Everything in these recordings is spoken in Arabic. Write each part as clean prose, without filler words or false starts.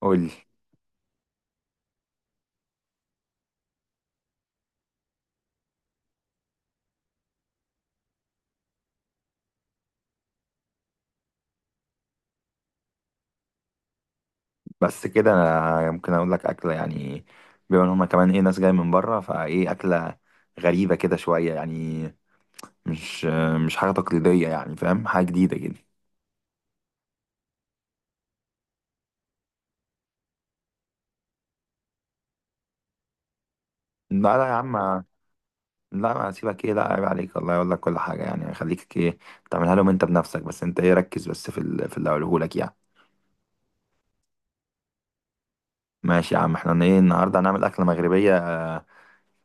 قول. بس كده انا ممكن اقول لك اكله يعني، بما ان هما كمان ايه ناس جايه من بره، فايه اكله غريبه كده شويه يعني. مش مش حاجه تقليديه يعني، فاهم؟ حاجه جديده كده. لا لا يا عم، لا، ما هسيبك ايه، لا عيب عليك، الله يقول لك كل حاجه يعني، خليك ايه تعملها لهم انت بنفسك. بس انت ايه ركز بس في في اللي هقوله لك يعني. ماشي يا عم، احنا ايه النهارده هنعمل اكله مغربيه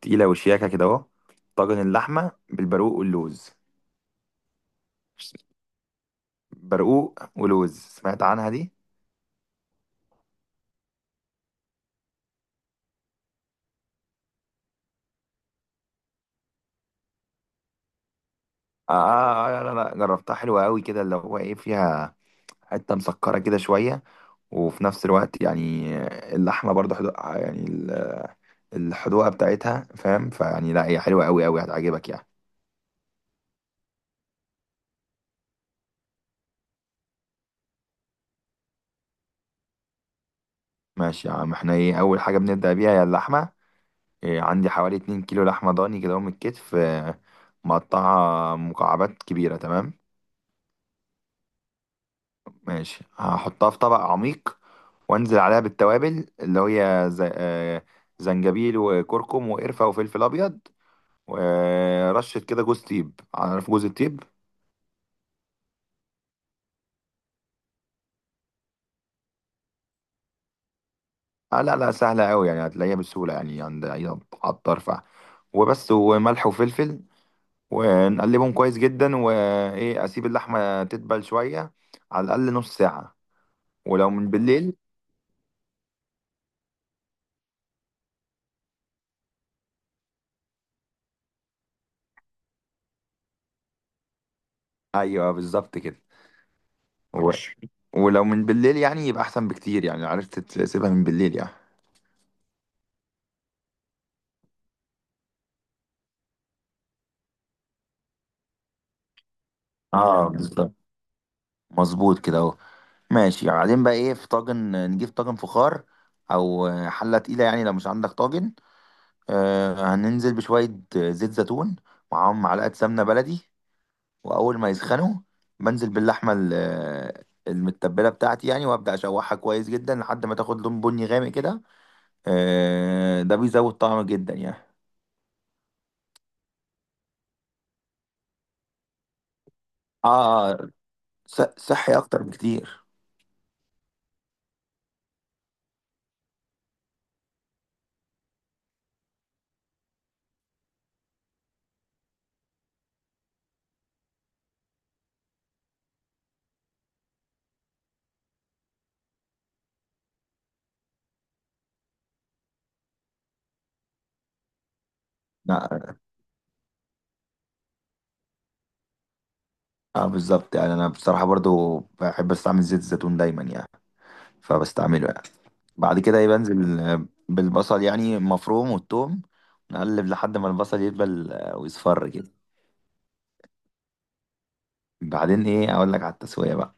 تقيله وشياكه كده اهو. طاجن اللحمه بالبرقوق واللوز. برقوق ولوز، سمعت عنها دي؟ آه, آه, آه، لا لا جربتها، حلوة قوي كده، اللي هو ايه فيها حتة مسكرة كده شوية، وفي نفس الوقت يعني اللحمة برضه حدو... آه، يعني الحدوقة بتاعتها، فاهم؟ فيعني لا، هي حلوة قوي قوي، هتعجبك يعني. ماشي يا عم، احنا ايه أول حاجة بنبدأ بيها هي اللحمة. إيه عندي حوالي 2 كيلو لحمة ضاني كده من الكتف، مقطعة مكعبات كبيرة، تمام. ماشي، هحطها في طبق عميق وانزل عليها بالتوابل اللي هي زي زنجبيل وكركم وقرفة وفلفل أبيض ورشه كده جوز تيب، عارف جوز التيب؟ آه لا لا، سهله قوي يعني، هتلاقيها بسهوله يعني عند اي عطار فرع. وبس، وملح وفلفل، ونقلبهم كويس جدا، وايه اسيب اللحمه تدبل شويه على الاقل نص ساعه، ولو من بالليل. ايوه بالظبط كده. ماشي. ولو من بالليل يعني يبقى احسن بكتير يعني، عرفت تسيبها من بالليل يعني. اه بالظبط، مظبوط كده اهو. ماشي، بعدين بقى ايه، في طاجن نجيب طاجن فخار او حله تقيله يعني، لو مش عندك طاجن. آه هننزل بشوية زيت زيتون، معاهم معلقة سمنة بلدي. وأول ما يسخنوا بنزل باللحمة المتبلة بتاعتي يعني، وأبدأ أشوحها كويس جدا لحد ما تاخد لون بني غامق كده. آه ده بيزود طعم جدا يعني. آه آه، صحي أكتر بكتير. لا، اه بالظبط يعني، انا بصراحه برضو بحب استعمل زيت الزيتون دايما يعني، فبستعمله يعني. بعد كده ايه بنزل بالبصل يعني مفروم والثوم. نقلب لحد ما البصل يدبل ويصفر كده. بعدين ايه اقول لك على التسويه بقى.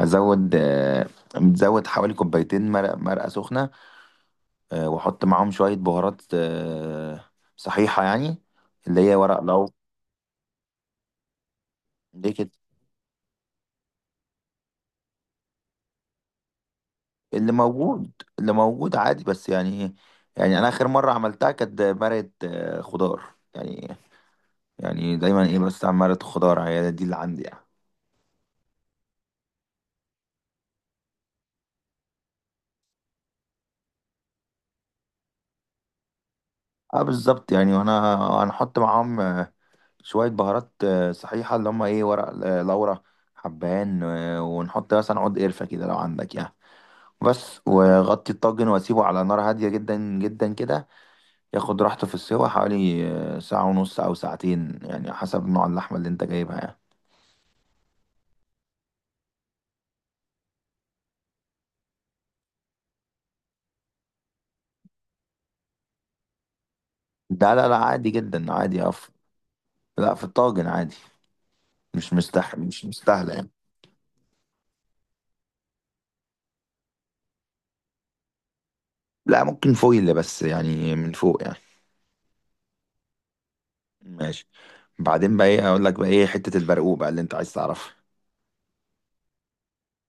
هزود متزود حوالي كوبايتين مرق، مرقه سخنه، واحط معاهم شويه بهارات صحيحه يعني، اللي هي ورق لو... ليه كده؟ اللي موجود، اللي موجود عادي بس يعني ايه. يعني انا اخر مره عملتها كانت مرقه خضار يعني. يعني دايما ايه بس عن مرقه خضار، هي دي اللي عندي يعني. اه بالظبط يعني، وانا هنحط معاهم شوية بهارات صحيحة اللي هما ايه ورق، لورا، حبهان، ونحط مثلا عود قرفة كده لو عندك يعني. بس، وغطي الطاجن واسيبه على نار هادية جدا جدا كده، ياخد راحته في السوا حوالي ساعة ونص أو ساعتين يعني، حسب نوع اللحمة اللي انت جايبها يعني. ده لا لا عادي جدا عادي لا، في الطاجن عادي. مش مستاهلة يعني. لا، ممكن فويل بس يعني من فوق يعني. ماشي، بعدين بقى ايه، اقول لك بقى ايه حتة البرقوق بقى اللي انت عايز تعرفها.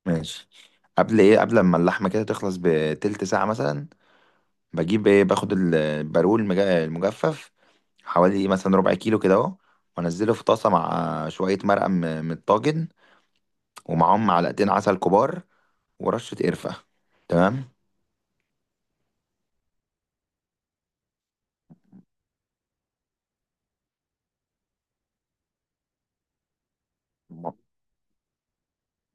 ماشي. قبل ايه، قبل ما اللحمه كده تخلص بتلت ساعه مثلا، بجيب ايه، باخد البارول المجفف حوالي مثلا ربع كيلو كده اهو. وانزله في طاسه مع شويه مرقه من الطاجن، ومعاهم معلقتين عسل كبار ورشه قرفه، تمام.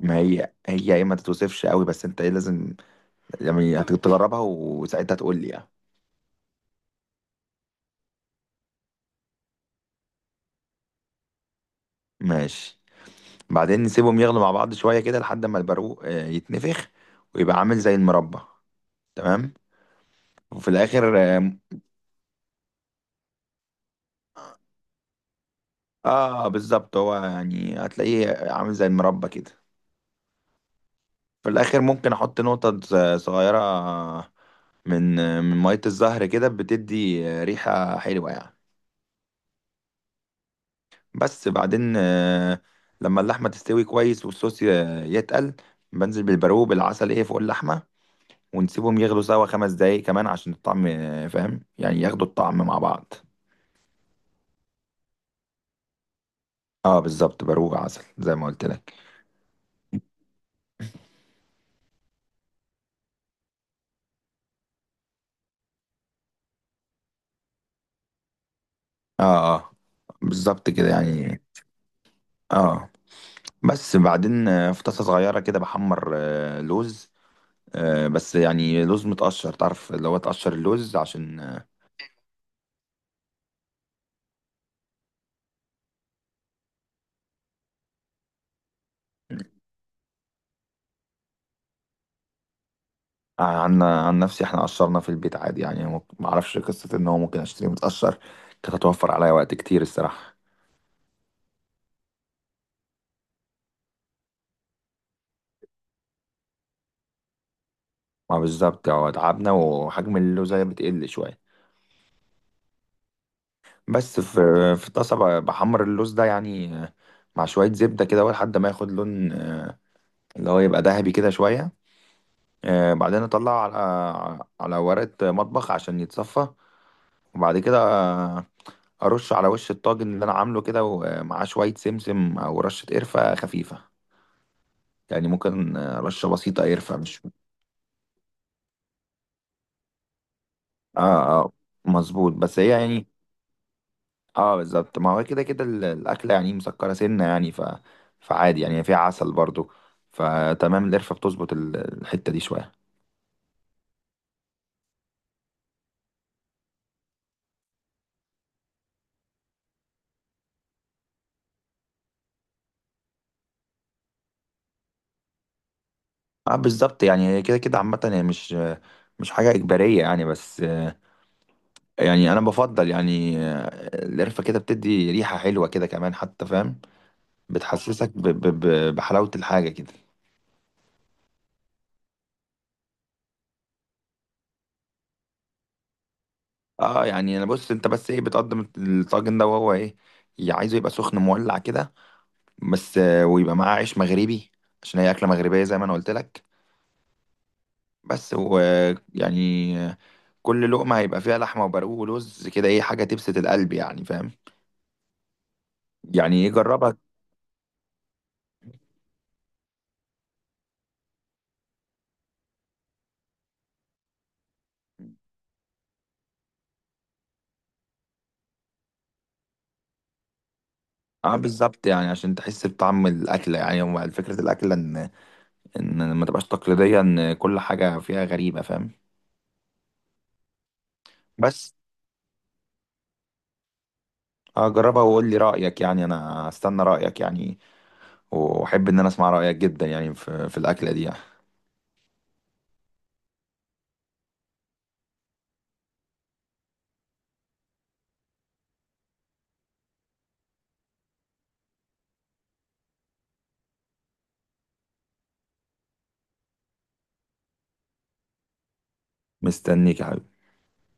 ما هي ايه ما تتوصفش قوي، بس انت ايه لازم يعني هتجربها وساعتها تقول لي يعني. ماشي، بعدين نسيبهم يغلوا مع بعض شويه كده لحد ما البارو يتنفخ ويبقى عامل زي المربى، تمام. وفي الاخر اه بالظبط، هو يعني هتلاقيه عامل زي المربى كده. في الاخر ممكن احط نقطة صغيرة من من مية الزهر كده، بتدي ريحة حلوة يعني. بس بعدين لما اللحمة تستوي كويس والصوص يتقل، بنزل بالبرو بالعسل ايه فوق اللحمة، ونسيبهم يغلوا سوا خمس دقايق كمان عشان الطعم فاهم؟ يعني ياخدوا الطعم مع بعض. اه بالظبط، برو عسل زي ما قلت لك. اه اه، بالظبط كده يعني. اه. بس بعدين في طاسة صغيرة كده بحمر لوز، بس يعني لوز متقشر، تعرف اللي هو تقشر اللوز عشان عن نفسي احنا قشرنا في البيت عادي يعني، ما اعرفش قصة ان هو ممكن اشتري متقشر، كانت هتوفر عليا وقت كتير الصراحة. ما بالظبط، هو تعبنا وحجم اللوزة بتقل شوية. بس في طاسة بحمر اللوز ده يعني، مع شوية زبدة كده لحد ما ياخد لون، اللي هو يبقى ذهبي كده شوية. بعدين اطلع على ورقة مطبخ عشان يتصفى، وبعد كده ارش على وش الطاجن اللي انا عامله كده ومعاه شوية سمسم او رشة قرفة خفيفة يعني، ممكن رشة بسيطة قرفة مش... اه اه مظبوط، بس هي يعني... اه بالظبط، ما هو كده كده الاكلة يعني مسكرة سنة يعني، ف فعادي يعني فيها عسل برضو، فتمام القرفة بتظبط الحتة دي شوية. اه بالظبط يعني، هي كده كده عامة هي مش حاجة إجبارية يعني، بس يعني انا بفضل يعني القرفه كده بتدي ريحه حلوه كده كمان حتى، فاهم؟ بتحسسك ب ب ب بحلاوه الحاجه كده. اه يعني، انا بص انت بس ايه بتقدم الطاجن ده وهو ايه يا عايزه يبقى سخن مولع كده، بس ويبقى معاه عيش مغربي عشان هي اكله مغربيه زي ما انا قلت لك، بس ويعني كل لقمه هيبقى فيها لحمه وبرقوق ولوز كده ايه حاجه تبسط القلب يعني، فاهم؟ يعني ايه جربها. اه بالظبط يعني عشان تحس بطعم الاكله يعني، هو فكره الاكله ان ما تبقاش تقليدية، ان كل حاجة فيها غريبة، فاهم؟ بس هجربها وقول لي رأيك يعني، انا استنى رأيك يعني، واحب ان انا اسمع رأيك جدا يعني في الأكلة دي يعني. مستنيك يا حبيبي.